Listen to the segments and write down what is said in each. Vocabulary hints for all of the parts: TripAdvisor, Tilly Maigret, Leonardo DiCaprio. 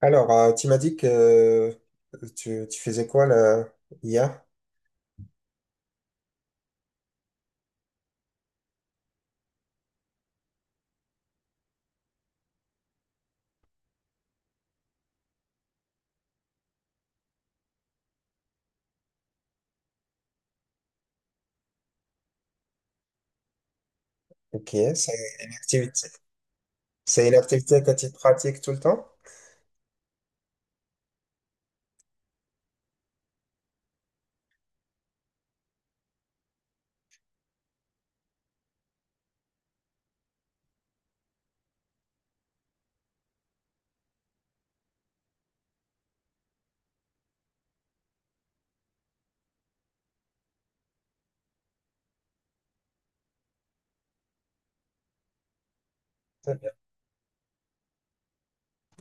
Alors, tu m'as dit que tu faisais quoi là, hier? Ok, une activité, c'est une activité que tu pratiques tout le temps? Très bien.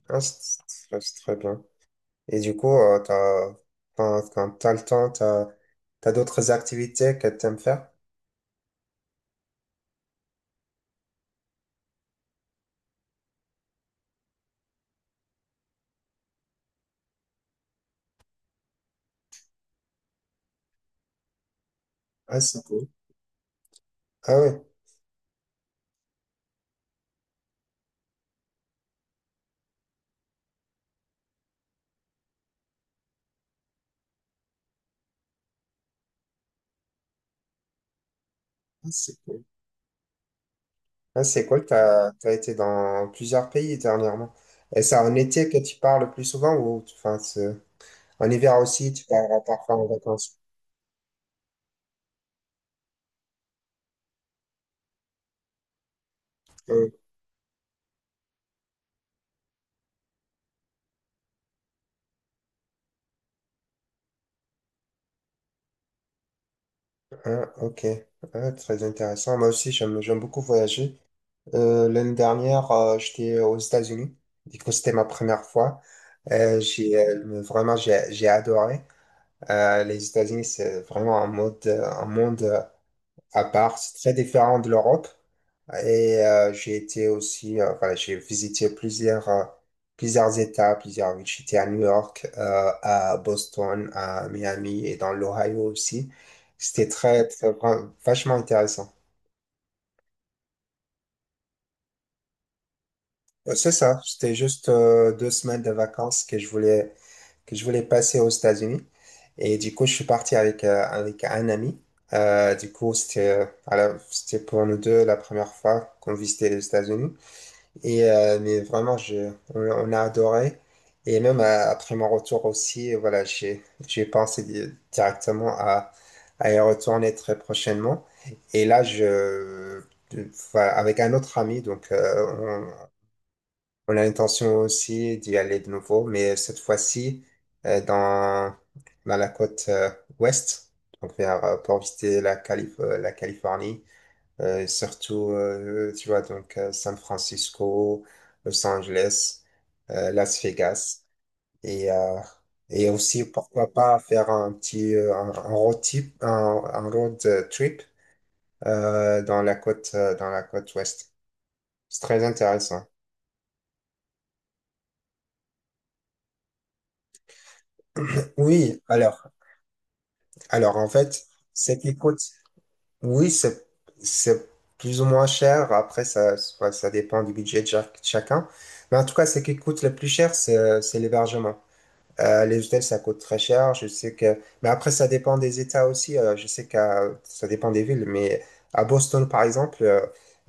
Ah, c'est très bien. Et du coup, quand tu as le temps, d'autres activités que tu aimes faire? Ah, c'est cool. Ah, oui. Ah, c'est cool. Ah, c'est cool, été dans plusieurs pays dernièrement. Et c'est en été que tu pars le plus souvent ou enfin, en hiver aussi, tu pars parfois en vacances? Ah, ok. Ah, très intéressant. Moi aussi, j'aime beaucoup voyager. L'année dernière, j'étais aux États-Unis. Du coup, c'était ma première fois. Vraiment, j'ai adoré. Les États-Unis, c'est vraiment un monde, à part. C'est très différent de l'Europe. Et j'ai été aussi, voilà, j'ai visité plusieurs États, plusieurs villes. J'étais à New York, à Boston, à Miami et dans l'Ohio aussi. C'était très, très, vachement intéressant. C'est ça, c'était juste 2 semaines de vacances que je voulais passer aux États-Unis. Et du coup, je suis parti avec un ami. Du coup, voilà, c'était pour nous deux la première fois qu'on visitait les États-Unis. Mais vraiment, on a adoré. Et même après mon retour aussi, voilà, j'ai pensé directement à y retourner très prochainement. Et là, voilà, avec un autre ami, donc on a l'intention aussi d'y aller de nouveau, mais cette fois-ci, euh, dans, dans la côte, ouest, pour visiter la la Californie, et surtout, tu vois, San Francisco, Los Angeles, Las Vegas. Et, euh, et aussi, pourquoi pas faire un petit, un road trip, un road euh, trip dans la côte ouest. C'est très intéressant. Oui, alors en fait, c'est qui coûte, oui, c'est plus ou moins cher. Après, ça dépend du budget de chacun. Mais en tout cas, ce qui coûte le plus cher, c'est l'hébergement. Les hôtels, ça coûte très cher. Mais après, ça dépend des États aussi. Je sais que ça dépend des villes, mais à Boston, par exemple, euh,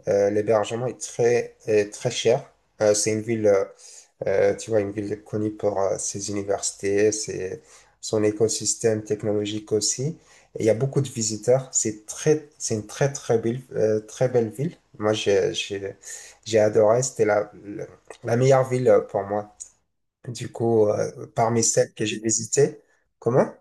euh, l'hébergement est très cher. C'est une ville, tu vois, une ville connue pour ses universités, son écosystème technologique aussi. Et il y a beaucoup de visiteurs. C'est une très, très belle ville. Moi, j'ai adoré. C'était la meilleure ville pour moi. Du coup, parmi celles que j'ai visitées, comment?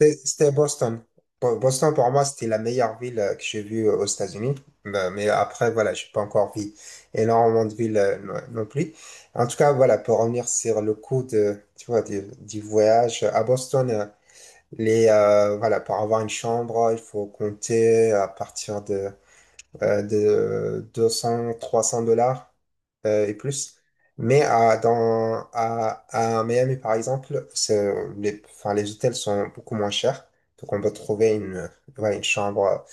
C'était Boston. Boston, pour moi, c'était la meilleure ville que j'ai vue aux États-Unis. Mais après, voilà, j'ai pas encore vu énormément de villes, non non plus. En tout cas, voilà, pour revenir sur le tu vois, du voyage à Boston, voilà, pour avoir une chambre, il faut compter à partir de 200, $300 et plus. Mais à, dans, à, à Miami, par exemple, enfin, les hôtels sont beaucoup moins chers. Donc, on peut trouver voilà, une chambre,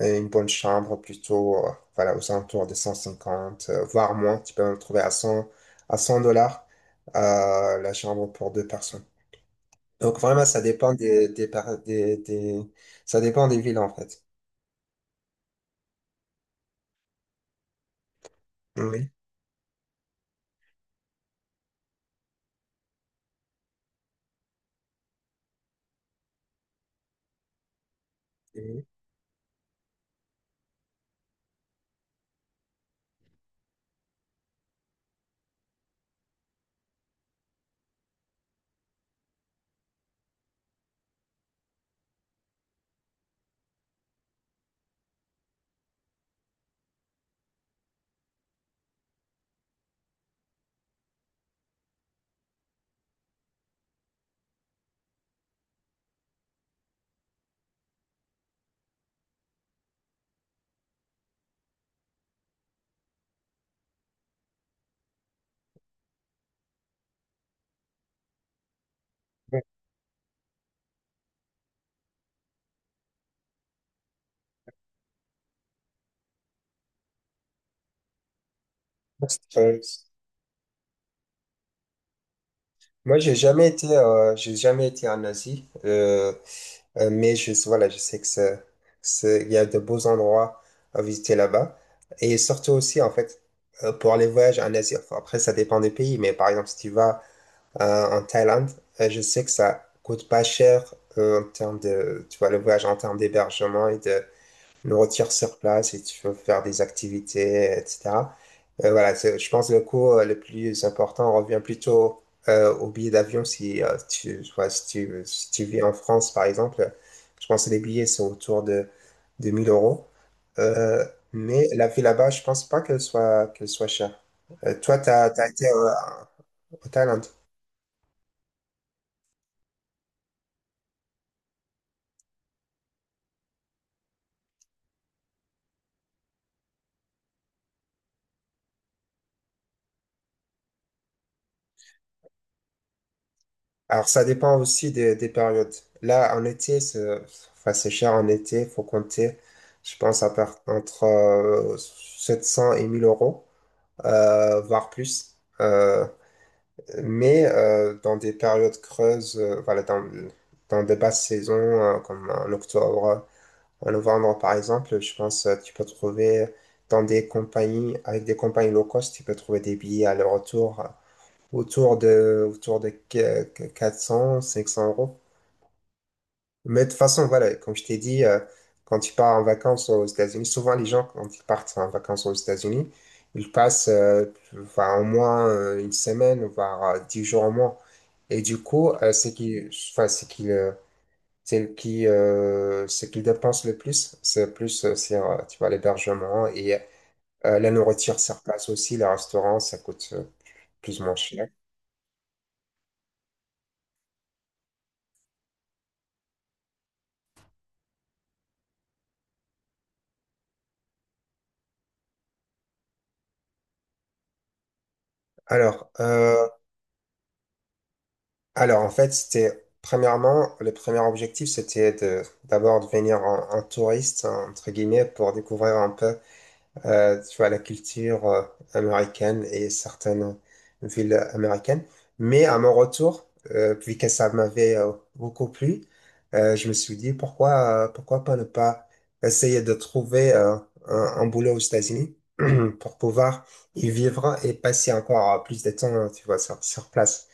euh, une bonne chambre plutôt, voilà, aux alentours de 150, voire moins. Tu peux en trouver à $100 la chambre pour deux personnes. Donc, vraiment, ça dépend des, par- des- ça dépend des villes, en fait. Oui. Oui. Moi, j'ai jamais été en Asie, mais voilà, je sais que il y a de beaux endroits à visiter là-bas. Et surtout aussi, en fait, pour les voyages en Asie, enfin, après, ça dépend des pays, mais par exemple, si tu vas en Thaïlande, je sais que ça coûte pas cher en termes de, tu vois, le voyage en termes d'hébergement et de le retires sur place, et tu peux faire des activités, etc. Voilà, je pense que le coût, le plus important revient plutôt, au billet d'avion si, tu, tu vois, si tu vis en France, par exemple. Je pense que les billets sont de 1000 euros. Euh, mais la vie là-bas, je pense pas qu'elle soit chère. Toi, tu as été au Thaïlande. Alors, ça dépend aussi des périodes. Là, en été, c'est enfin, c'est cher en été. Il faut compter, je pense, à part, entre 700 et 1000 euros, voire plus. Mais dans des périodes creuses, voilà, dans des basses saisons, comme en octobre, en novembre, par exemple, je pense que tu peux trouver avec des compagnies low cost, tu peux trouver des billets aller-retour, autour de 400, 500 euros. Mais de toute façon, voilà, comme je t'ai dit, quand tu pars en vacances aux États-Unis, souvent les gens, quand ils partent en vacances aux États-Unis, ils passent, enfin, au moins une semaine, voire 10 jours au moins. Et du coup, enfin, ce qu'ils dépensent le plus, c'est plus sur, tu vois, l'hébergement et la nourriture sur place aussi. Les restaurants, ça coûte plus ou moins cher. Alors, euh, Alors, en fait, premièrement, le premier objectif, c'était d'abord de venir en touriste, hein, entre guillemets, pour découvrir un peu, tu vois, la culture, américaine et certaines villes américaines. Mais à mon retour, vu que ça m'avait beaucoup plu, je me suis dit, pourquoi pas ne pas essayer de trouver un boulot aux États-Unis pour pouvoir y vivre et passer encore plus de temps, tu vois, sur place.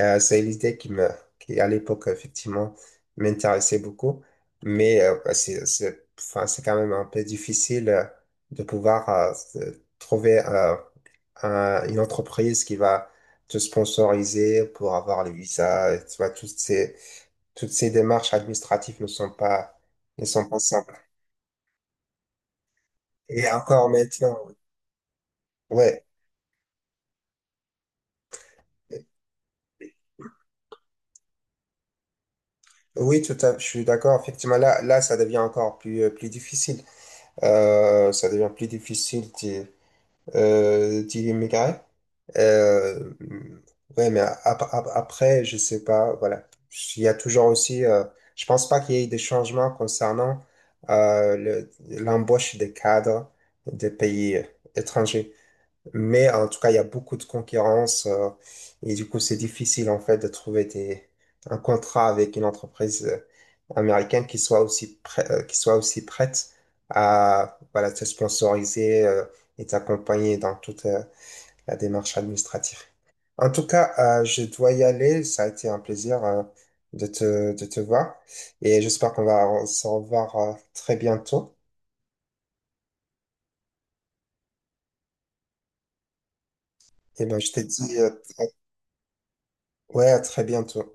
C'est l'idée qui à l'époque, effectivement, m'intéressait beaucoup. Mais bah, enfin, c'est quand même un peu difficile de pouvoir trouver une entreprise qui va te sponsoriser pour avoir les visas. Tu vois, toutes ces démarches administratives ne sont pas simples. Et encore maintenant, ouais. Oui, tout à fait, je suis d'accord. Effectivement, là, ça devient encore plus difficile. Ça devient plus difficile, Tilly Maigret. Euh, ouais, mais après, je sais pas, voilà. Il y a toujours aussi, je pense pas qu'il y ait des changements concernant, euh, le- l'embauche des cadres des pays, étrangers. Mais en tout cas, il y a beaucoup de concurrence, et du coup, c'est difficile en fait de trouver un contrat avec une entreprise, américaine qui soit aussi prête à voilà, te sponsoriser, et t'accompagner dans toute, la démarche administrative. En tout cas, je dois y aller. Ça a été un plaisir de te voir et j'espère qu'on va se revoir très bientôt. Et ben, je te dis ouais, à très bientôt.